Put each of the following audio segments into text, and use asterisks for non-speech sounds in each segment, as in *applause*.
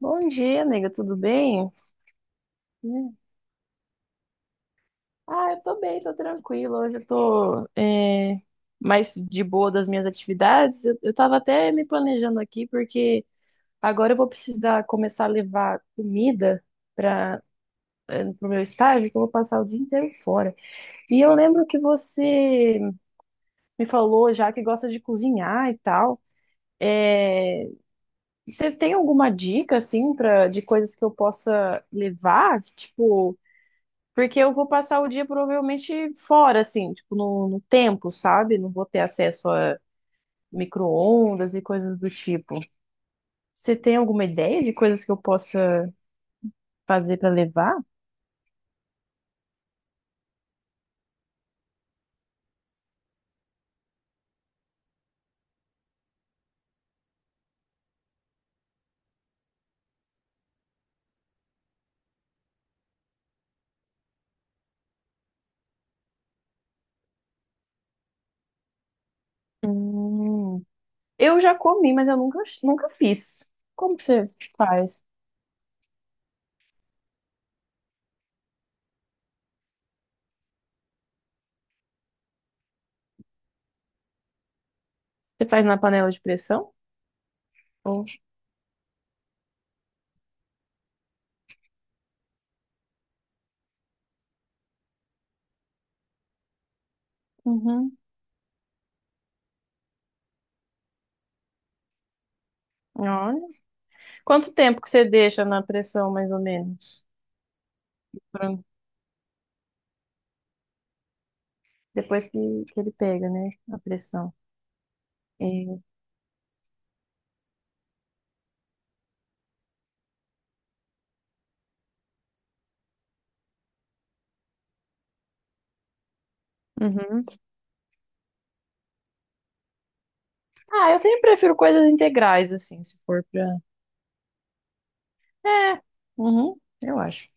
Bom dia, amiga, tudo bem? Hum. Ah, eu tô bem, tô tranquila. Hoje eu tô mais de boa das minhas atividades. Eu tava até me planejando aqui, porque agora eu vou precisar começar a levar comida para pro meu estágio, que eu vou passar o dia inteiro fora. E eu lembro que você me falou já que gosta de cozinhar e tal. Você tem alguma dica, assim, de coisas que eu possa levar? Tipo. Porque eu vou passar o dia provavelmente fora, assim, tipo, no tempo, sabe? Não vou ter acesso a micro-ondas e coisas do tipo. Você tem alguma ideia de coisas que eu possa fazer para levar? Hum, eu já comi, mas eu nunca fiz. Como que você faz? Você faz na panela de pressão? Ou- Uhum. Olha. Quanto tempo que você deixa na pressão, mais ou menos? Pra- Depois que ele pega, né? A pressão. É. Uhum. Ah, eu sempre prefiro coisas integrais, assim, se for pra. É, uhum, eu acho.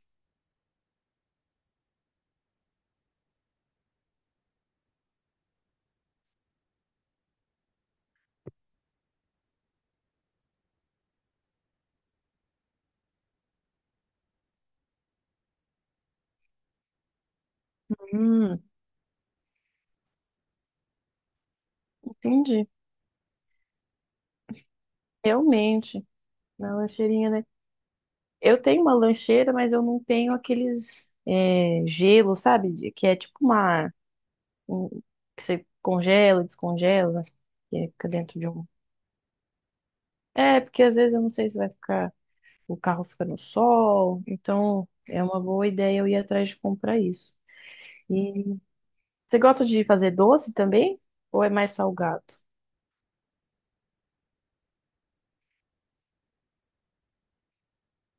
Hum, entendi. Realmente, na lancheirinha, né? Eu tenho uma lancheira, mas eu não tenho aqueles gelo, sabe? Que é tipo uma. um- que você congela, descongela, que fica dentro de um. É, porque às vezes eu não sei se vai ficar. O carro fica no sol, então é uma boa ideia eu ir atrás de comprar isso. E você gosta de fazer doce também? Ou é mais salgado?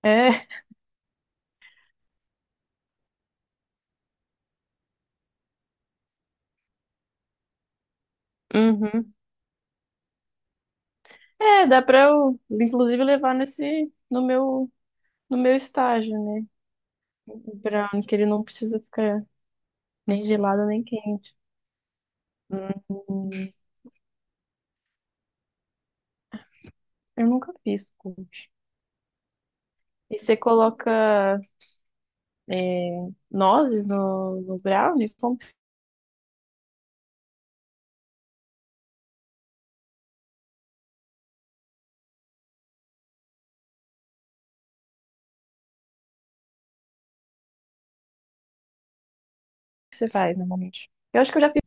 É, uhum. É, dá pra eu, inclusive, levar nesse, no meu estágio, né? O brownie, que ele não precisa ficar nem gelado nem quente. Hum, eu nunca fiz cookie. E você coloca é, nozes no brownie? Como que você faz normalmente? Eu acho que eu já fiz.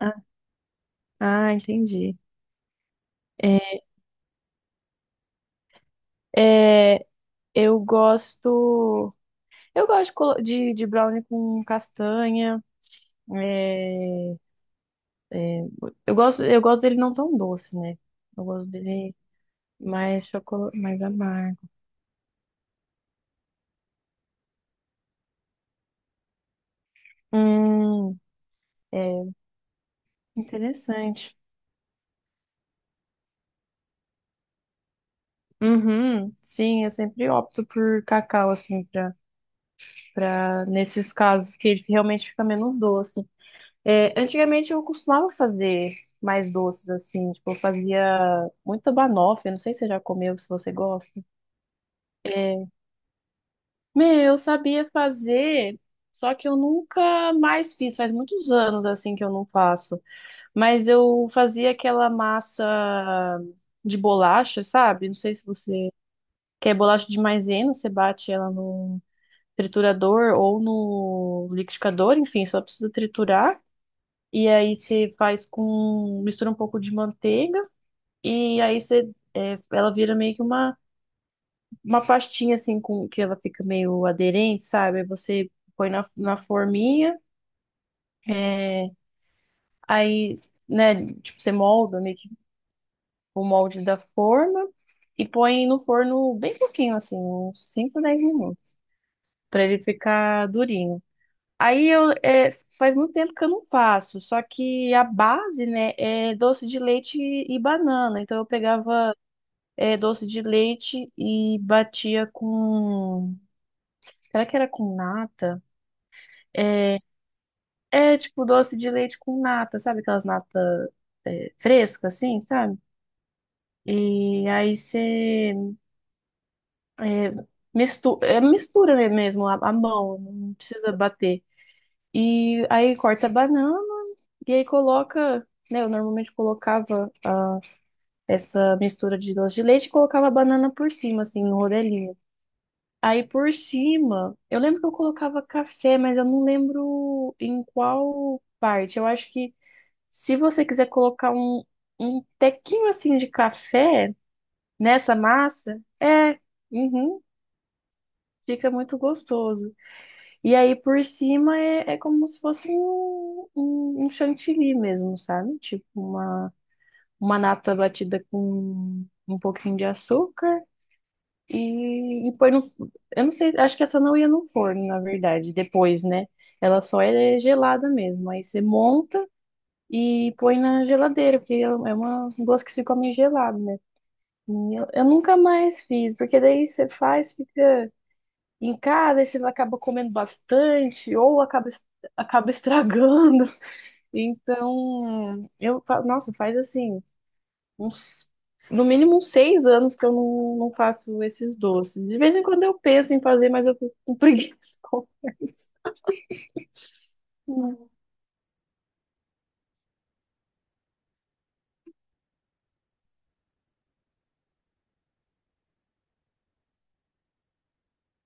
Ah, ah, entendi. É, eu gosto. Eu gosto de, colo- de brownie com castanha. Eu gosto dele não tão doce, né? Eu gosto dele mais chocolate, mais amargo. Hum, É interessante. Uhum, sim, eu sempre opto por cacau, assim, pra, nesses casos, que ele realmente fica menos doce. É, antigamente eu costumava fazer mais doces, assim, tipo, eu fazia muita banoffee, não sei se você já comeu, se você gosta. Meu, eu sabia fazer, só que eu nunca mais fiz, faz muitos anos, assim, que eu não faço. Mas eu fazia aquela massa de bolacha, sabe? Não sei se você quer bolacha de maisena, você bate ela no triturador ou no liquidificador, enfim, só precisa triturar. E aí você faz com, mistura um pouco de manteiga e aí você ela vira meio que uma, pastinha assim com que ela fica meio aderente, sabe? Aí você põe na forminha, é, aí, né, tipo, você molda meio que o molde da forma e põe no forno bem pouquinho, assim, uns 5 10 minutos, para ele ficar durinho. Aí eu faz muito tempo que eu não faço, só que a base, né, é doce de leite e banana. Então eu pegava doce de leite e batia com, será que era com nata? É tipo doce de leite com nata, sabe aquelas natas frescas assim, sabe? E aí você É, mistu é mistura, né, mesmo, a mão, não precisa bater. E aí corta a banana e aí coloca, né? Eu normalmente colocava essa mistura de doce de leite e colocava a banana por cima, assim, no rodelinho. Aí por cima, eu lembro que eu colocava café, mas eu não lembro em qual parte. Eu acho que se você quiser colocar um, tequinho assim de café nessa massa, uhum, fica muito gostoso. E aí por cima é como se fosse um, chantilly mesmo, sabe? Tipo uma nata batida com um pouquinho de açúcar e põe no. Eu não sei, acho que essa não ia no forno, na verdade, depois, né? Ela só é gelada mesmo. Aí você monta e põe na geladeira, porque é uma doce que se come gelado, né? E eu nunca mais fiz, porque daí você faz, fica. Em casa, aí você acaba comendo bastante ou acaba estragando. *laughs* Então, nossa, faz assim, uns, no mínimo uns 6 anos que eu não faço esses doces. De vez em quando eu penso em fazer, mas eu fico com preguiça, *laughs* confesso.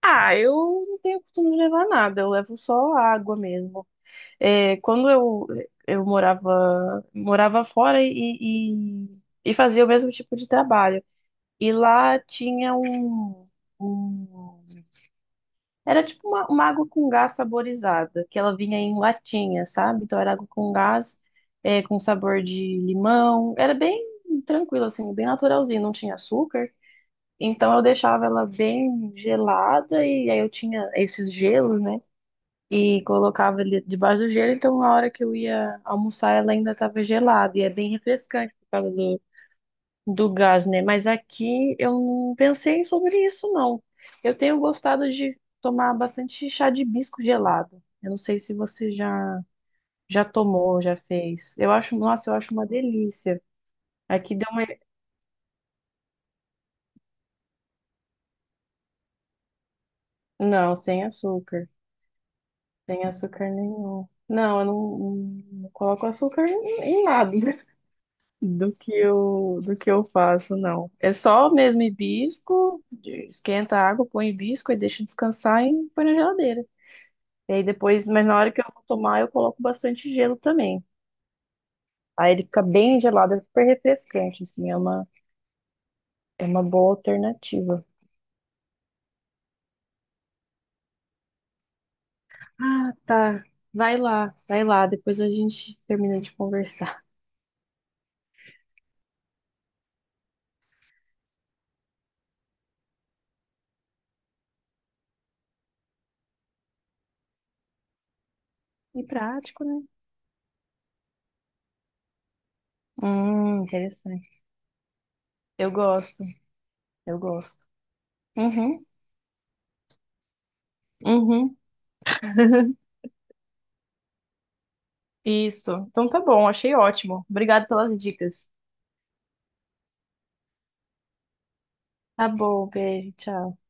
Ah, eu não tenho costume de levar nada, eu levo só água mesmo. É, quando eu morava fora e fazia o mesmo tipo de trabalho. E lá tinha um. Era tipo uma água com gás saborizada, que ela vinha em latinha, sabe? Então era água com gás, com sabor de limão. Era bem tranquilo, assim, bem naturalzinho, não tinha açúcar. Então eu deixava ela bem gelada e aí eu tinha esses gelos, né? E colocava ele debaixo do gelo, então na hora que eu ia almoçar ela ainda estava gelada. E é bem refrescante por causa do gás, né? Mas aqui eu não pensei sobre isso, não. Eu tenho gostado de tomar bastante chá de hibisco gelado. Eu não sei se você já tomou, já fez. Eu acho, nossa, eu acho uma delícia. Aqui deu uma... Não, sem açúcar. Sem açúcar nenhum. Não, eu não coloco açúcar em nada *laughs* do que eu faço, não. É só mesmo hibisco, esquenta a água, põe hibisco e deixa descansar e põe na geladeira. E aí depois, mas na hora que eu vou tomar, eu coloco bastante gelo também. Aí ele fica bem gelado, é super refrescante, assim, é uma, boa alternativa. Ah, tá. Vai lá, depois a gente termina de conversar. E prático, né? Interessante. Eu gosto, eu gosto. Uhum, uhum. *laughs* Isso. Então tá bom, achei ótimo. Obrigado pelas dicas. Tá bom, beijo, tchau.